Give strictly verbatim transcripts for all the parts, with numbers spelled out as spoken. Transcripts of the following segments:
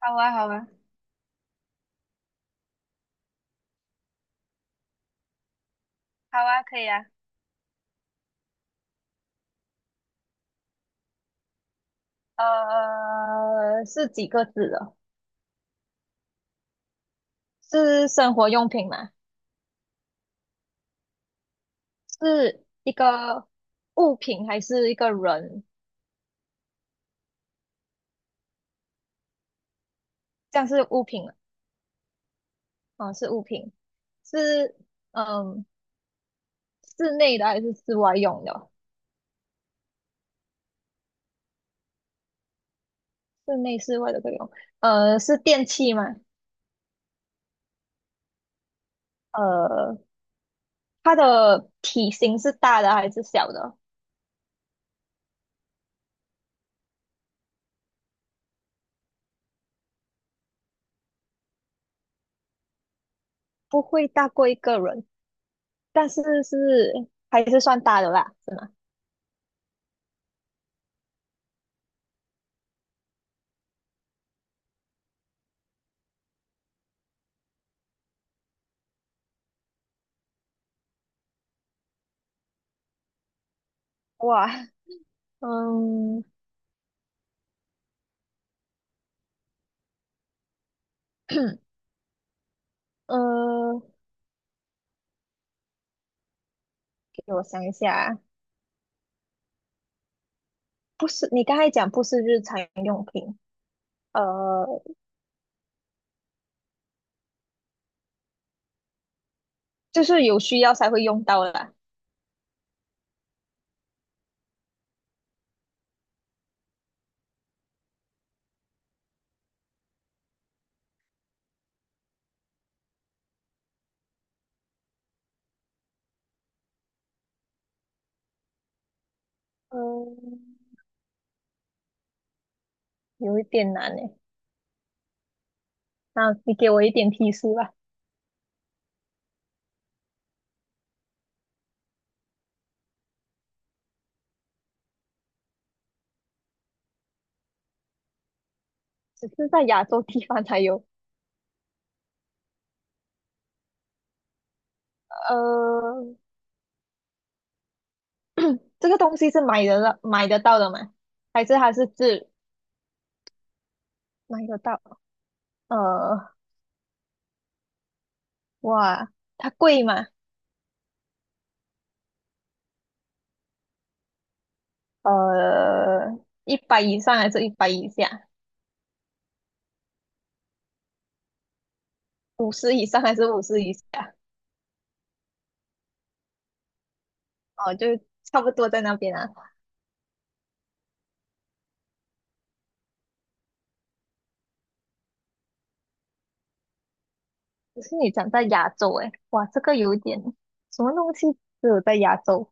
好啊，好啊，好啊，可以啊。呃，是几个字的？是生活用品吗？是一个物品还是一个人？像是物品了，哦是物品。是嗯，室内的还是室外用的哦？室内、室外的以用。呃，是电器吗？呃，它的体型是大的还是小的？不会大过一个人，但是是还是算大的啦，是吗？哇，嗯。呃，给我想一下，不是，你刚才讲不是日常用品，呃，就是有需要才会用到啦。嗯，有一点难诶，那你给我一点提示吧，只是在亚洲地方才有。呃，这个东西是买得到买得到的吗？还是它是自买得到？呃，哇，它贵吗？呃，一百以上还是一百以下？五十以上还是五十以下？哦，就差不多在那边啊。可是你长在亚洲诶，哇，这个有点什么东西只有在亚洲？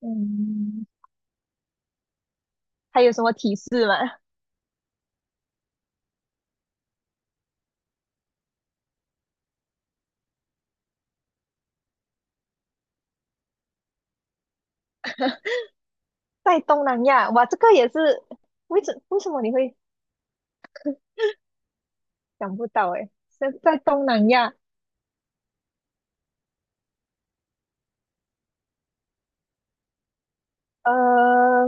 嗯，还有什么提示吗？在东南亚，哇，这个也是，为什为什么你会想不到诶？在在东南亚，呃，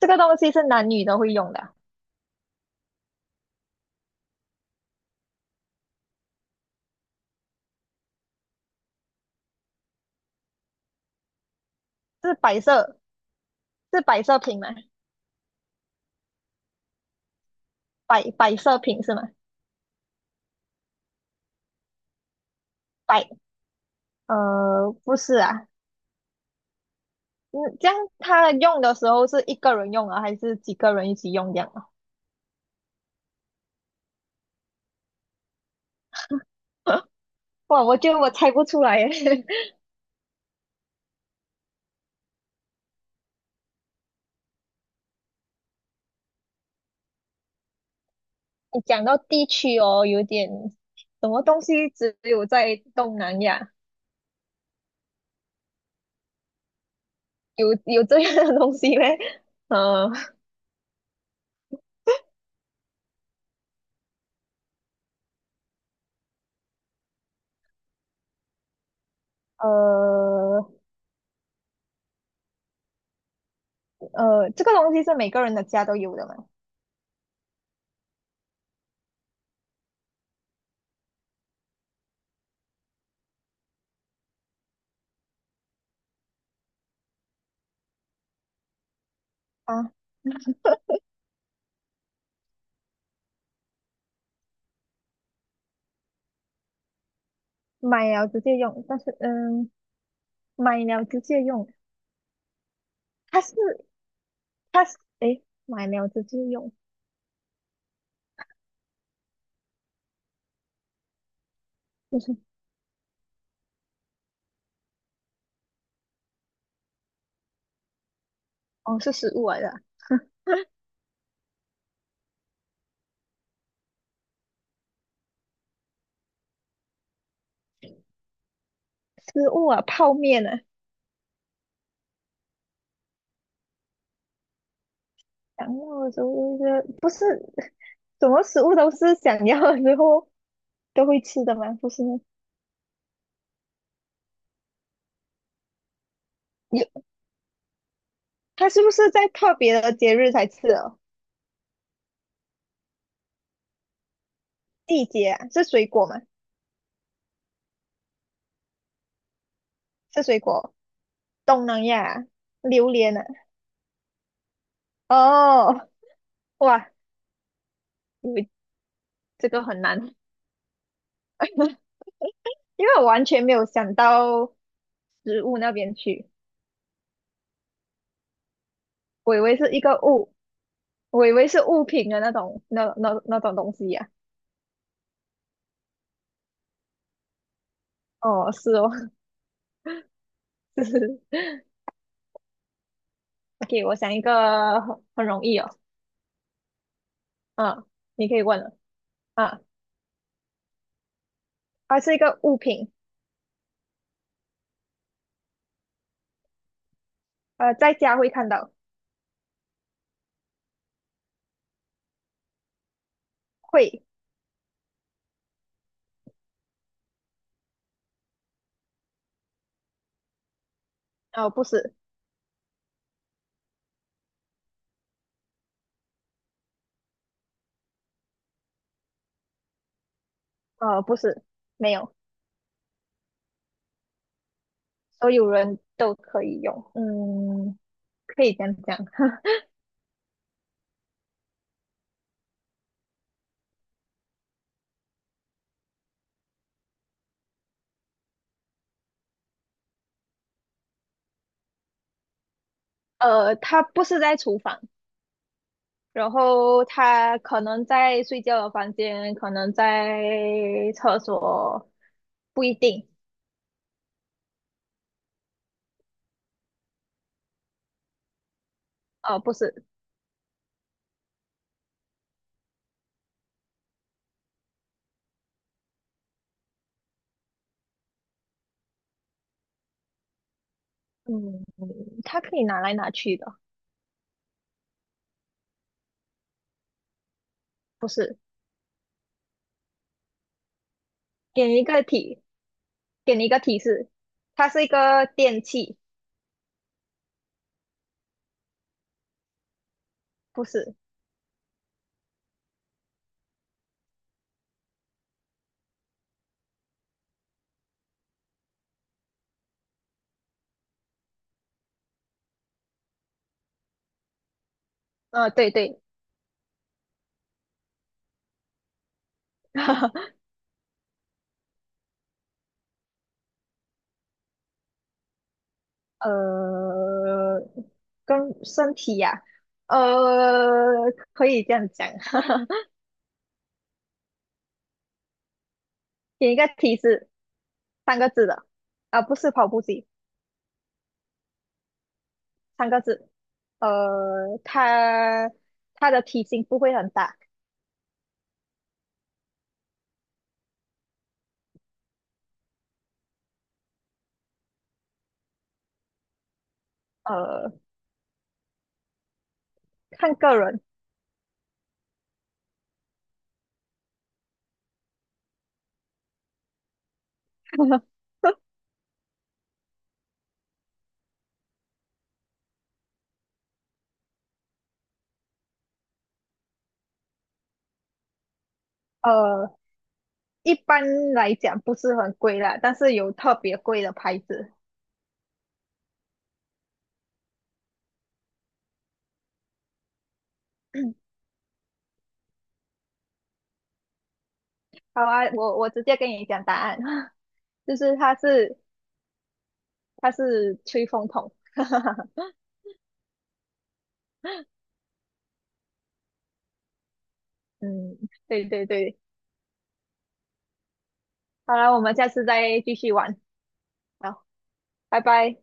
这个东西是男女都会用的啊，是摆设，是摆设品吗？摆摆设品是吗？摆，呃，不是啊，嗯，这样他用的时候是一个人用啊，还是几个人一起用这样啊？哇，我觉得我猜不出来耶。你讲到地区哦，有点什么东西只有在东南亚有有这样的东西嘞？呃呃呃，这个东西是每个人的家都有的嘛？啊，买了直接用，但是嗯，买了直接用，它是它是诶，哎买了直接用，就是哦是食物来的啊，食物啊，泡面啊，想要的时候就是不是什么食物都是想要的后都会吃的吗？不是吗有它是不是在特别的节日才吃哦？季节啊，是水果吗？是水果，东南亚啊榴莲啊。哦，哇，你这个很难，因为我完全没有想到食物那边去，我以为是一个物，我以为是物品的那种那那那种东西呀、哦，是哦，就是 OK，我想一个很很容易哦，嗯，你可以问了啊，它是一个物品，呃，在家会看到，会，哦，不是。呃，不是，没有，所有人都可以用。嗯，可以这样讲。呃，它不是在厨房，然后它可能在睡觉的房间，可能在厕所，不一定。呃，不是，嗯，它可以拿来拿去的，不是。给你一个提，给你一个提示，它是一个电器，不是。呃，对对，呃，跟身体呀、呃，可以这样讲，给你一个提示，三个字的，啊、不是跑步机，三个字，呃，它它的体型不会很大，呃，看个人，呃，一般来讲不是很贵啦，但是有特别贵的牌子。好啊，我我直接跟你讲答案，就是它是它是吹风筒。嗯，对对对，好了，我们下次再继续玩，好，拜拜。